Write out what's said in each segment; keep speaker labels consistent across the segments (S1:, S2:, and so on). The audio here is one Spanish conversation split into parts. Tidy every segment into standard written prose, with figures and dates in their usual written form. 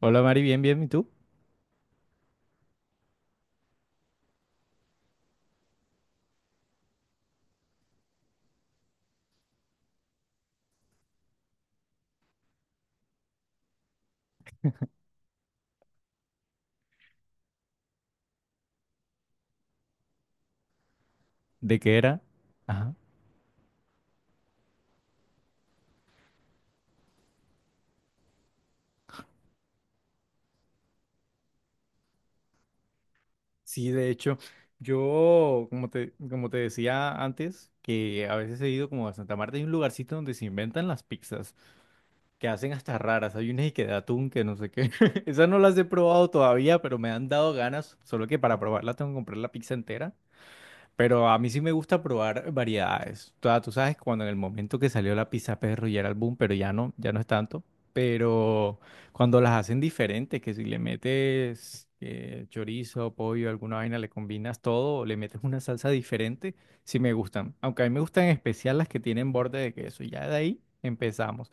S1: Hola Mari, bien, bien, ¿y tú? ¿De qué era? Ajá. Sí, de hecho, yo, como te decía antes, que a veces he ido como a Santa Marta, hay un lugarcito donde se inventan las pizzas, que hacen hasta raras, hay unas y que de atún, que no sé qué. Esas no las he probado todavía, pero me han dado ganas, solo que para probarla tengo que comprar la pizza entera. Pero a mí sí me gusta probar variedades. O tú sabes, cuando en el momento que salió la pizza perro ya era el boom, pero ya no, ya no es tanto. Pero cuando las hacen diferentes, que si le metes chorizo, pollo, alguna vaina, le combinas todo, o le metes una salsa diferente, sí me gustan. Aunque a mí me gustan en especial las que tienen borde de queso. Ya de ahí empezamos.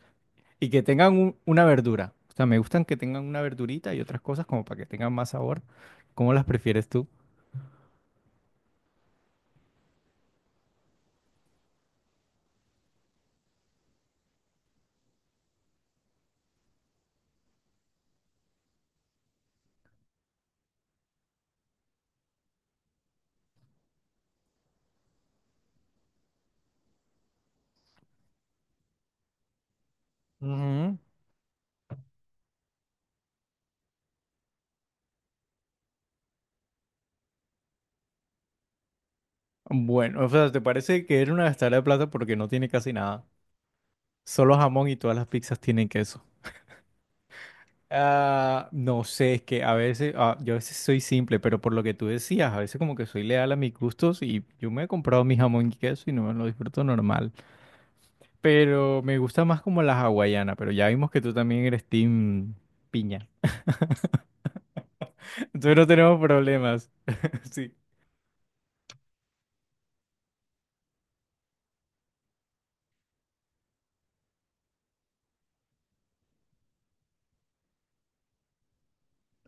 S1: Y que tengan una verdura. O sea, me gustan que tengan una verdurita y otras cosas como para que tengan más sabor. ¿Cómo las prefieres tú? Bueno, o sea, ¿te parece que era una gastada de plata porque no tiene casi nada? Solo jamón y todas las pizzas tienen queso. Ah, no sé, es que a veces, ah, yo a veces soy simple, pero por lo que tú decías, a veces como que soy leal a mis gustos y yo me he comprado mi jamón y queso y no me lo disfruto normal. Pero me gusta más como la hawaiana, pero ya vimos que tú también eres team piña. Entonces no tenemos problemas. Sí.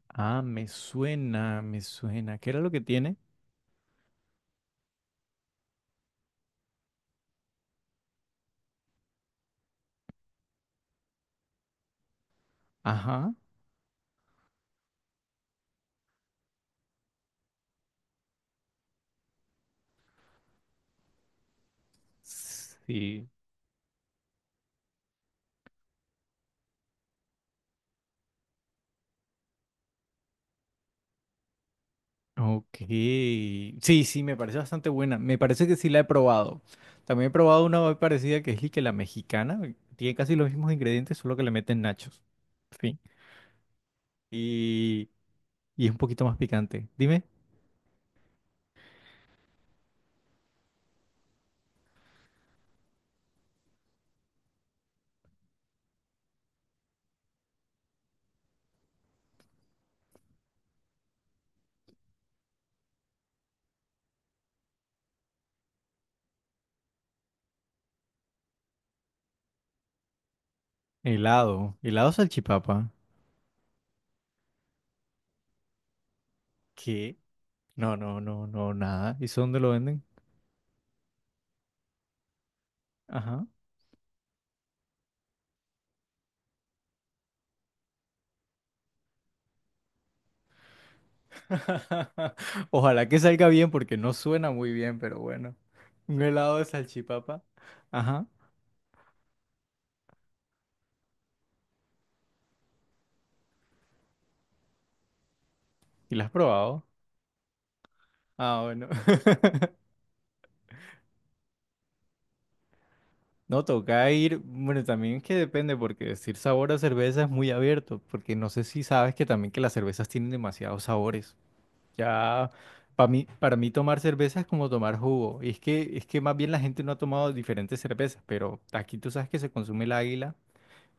S1: Ah, me suena, me suena. ¿Qué era lo que tiene? Ajá. Sí. Ok. Sí, sí, me parece bastante buena. Me parece que sí la he probado. También he probado una muy parecida que es y que la mexicana. Tiene casi los mismos ingredientes, solo que le meten nachos. Fin. Y, y es un poquito más picante. Dime, helado. Helado salchipapa. ¿Qué? No, nada. ¿Y eso dónde lo venden? Ajá. Ojalá que salga bien porque no suena muy bien, pero bueno. Un helado de salchipapa. Ajá. ¿Y lo has probado? Ah, bueno. No, toca ir, bueno, también es que depende, porque decir sabor a cerveza es muy abierto, porque no sé si sabes que también que las cervezas tienen demasiados sabores. Ya, para mí tomar cerveza es como tomar jugo. Y es que más bien la gente no ha tomado diferentes cervezas, pero aquí tú sabes que se consume el águila,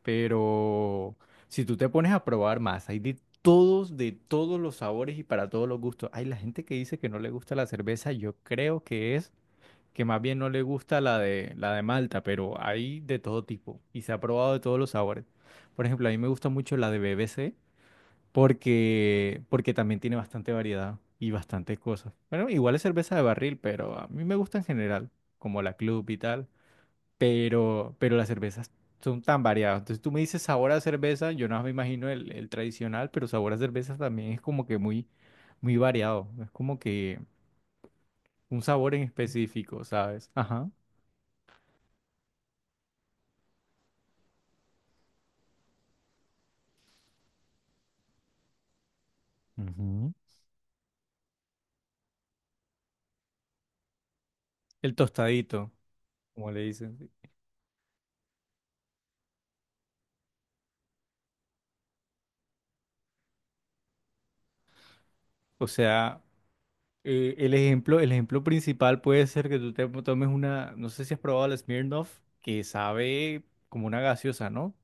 S1: pero si tú te pones a probar más, hay de todos los sabores y para todos los gustos. Hay la gente que dice que no le gusta la cerveza, yo creo que es que más bien no le gusta la de Malta, pero hay de todo tipo y se ha probado de todos los sabores. Por ejemplo, a mí me gusta mucho la de BBC porque también tiene bastante variedad y bastantes cosas. Bueno, igual es cerveza de barril, pero a mí me gusta en general, como la Club y tal, pero las cervezas son tan variadas. Entonces tú me dices sabor a cerveza, yo no me imagino el tradicional, pero sabor a cerveza también es como que muy, muy variado. Es como que un sabor en específico, ¿sabes? Ajá. Ujú. El tostadito, como le dicen. Sí. O sea, el ejemplo principal puede ser que tú te tomes una, no sé si has probado la Smirnoff, que sabe como una gaseosa, ¿no?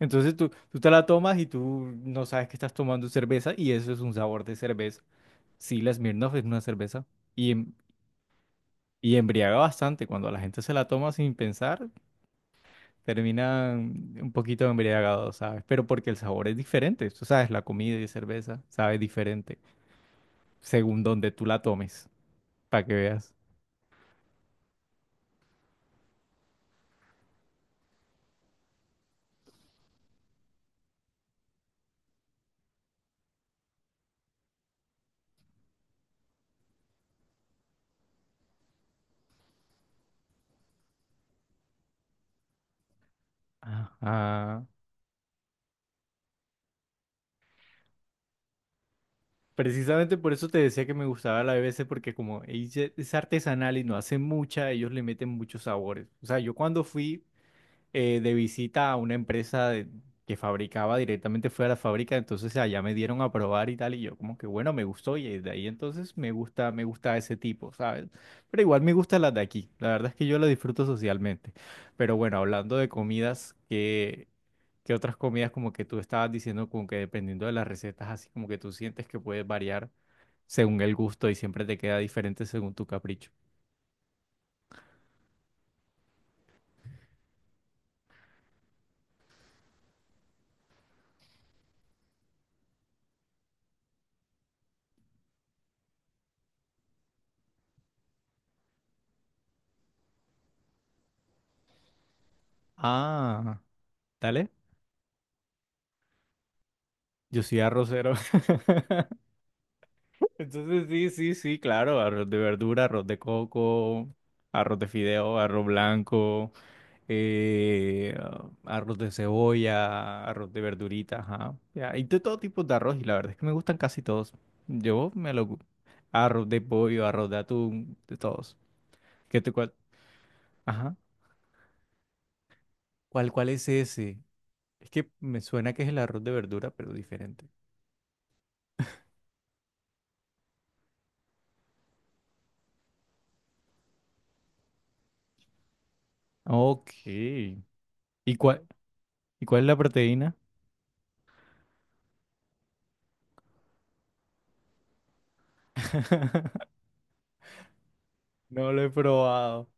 S1: Entonces tú te la tomas y tú no sabes que estás tomando cerveza y eso es un sabor de cerveza. Sí, la Smirnoff es una cerveza y, y embriaga bastante. Cuando la gente se la toma sin pensar, terminan un poquito embriagados, ¿sabes? Pero porque el sabor es diferente. Tú sabes, la comida y cerveza sabe diferente. Según donde tú la tomes, para que veas. Ajá. Precisamente por eso te decía que me gustaba la B B C porque como ella es artesanal y no hace mucha, ellos le meten muchos sabores. O sea, yo cuando fui de visita a una empresa que fabricaba directamente, fue a la fábrica, entonces allá me dieron a probar y tal, y yo como que bueno, me gustó, y de ahí entonces me gusta ese tipo, ¿sabes? Pero igual me gustan las de aquí, la verdad es que yo lo disfruto socialmente. Pero bueno, hablando de comidas, ¿qué otras comidas como que tú estabas diciendo como que dependiendo de las recetas, así como que tú sientes que puedes variar según el gusto y siempre te queda diferente según tu capricho? Ah, dale. Yo soy arrocero. Entonces sí, sí, sí, claro, arroz de verdura, arroz de coco, arroz de fideo, arroz blanco, eh, arroz de cebolla, arroz de verduritas, ajá. Ya, y de todo tipo de arroz y la verdad es que me gustan casi todos. Yo me lo... gu- Arroz de pollo, arroz de atún, de todos. ¿Qué te cuál? Ajá. ¿Cuál, cuál es ese? Es que me suena que es el arroz de verdura, pero diferente. Ok. ¿Y cuál, y cuál es la proteína? No lo he probado.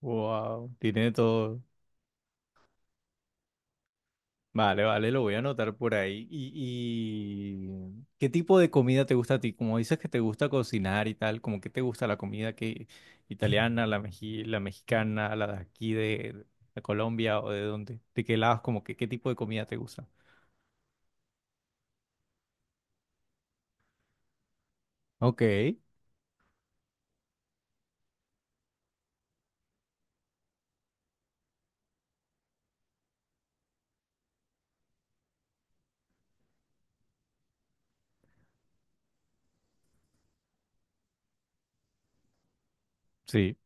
S1: Wow, tiene todo. Vale, vale, lo voy a anotar por ahí. Y qué tipo de comida te gusta a ti? Como dices que te gusta cocinar y tal, como que te gusta la comida que italiana, la mexicana, la de aquí de Colombia o de dónde? ¿De qué lados? ¿Como que qué tipo de comida te gusta? Ok, sí.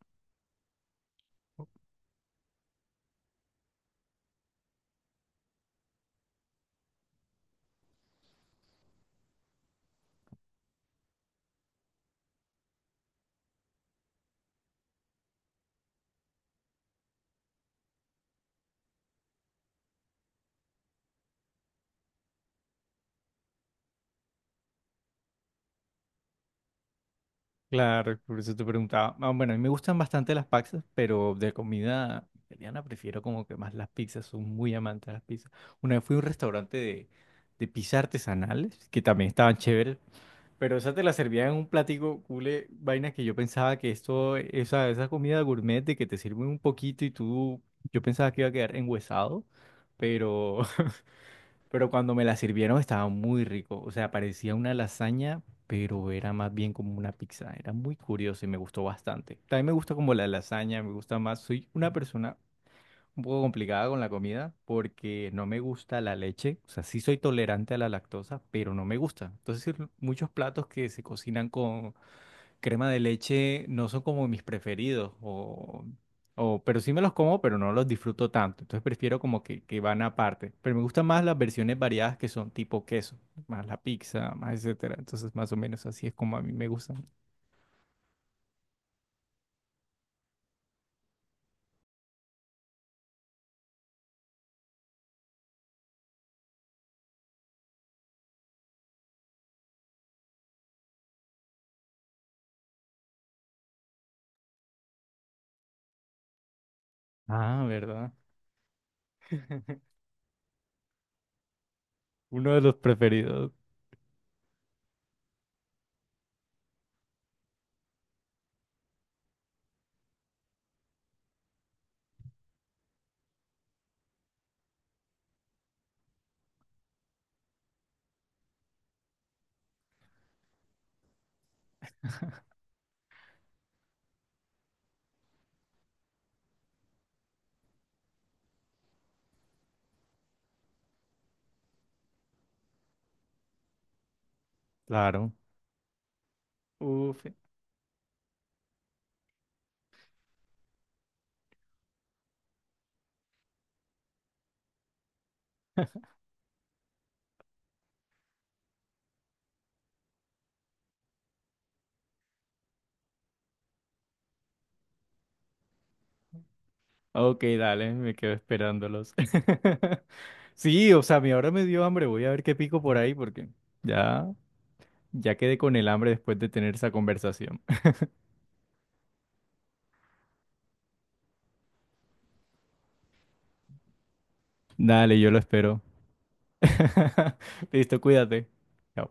S1: Claro, por eso te preguntaba. Ah, bueno, a mí me gustan bastante las pizzas, pero de comida italiana prefiero como que más las pizzas, soy muy amante de las pizzas. Una vez fui a un restaurante de pizzas artesanales, que también estaban chéveres, pero esa te la servían en un platico cule, vainas que yo pensaba que esto, esa comida gourmet de que te sirven un poquito y tú, yo pensaba que iba a quedar enguesado, pero cuando me la sirvieron estaba muy rico. O sea, parecía una lasaña, pero era más bien como una pizza. Era muy curioso y me gustó bastante. También me gusta como la lasaña, me gusta más. Soy una persona un poco complicada con la comida porque no me gusta la leche. O sea, sí soy tolerante a la lactosa, pero no me gusta. Entonces, muchos platos que se cocinan con crema de leche no son como mis preferidos, pero sí me los como, pero no los disfruto tanto. Entonces prefiero como que van aparte. Pero me gustan más las versiones variadas que son tipo queso, más la pizza, más etcétera. Entonces más o menos así es como a mí me gustan. Ah, ¿verdad? Uno de los preferidos, claro. Uf. Ok, dale, me quedo esperándolos. Sí, o sea, mi ahora me dio hambre. Voy a ver qué pico por ahí porque ya, ya quedé con el hambre después de tener esa conversación. Dale, yo lo espero. Listo, cuídate. Chao.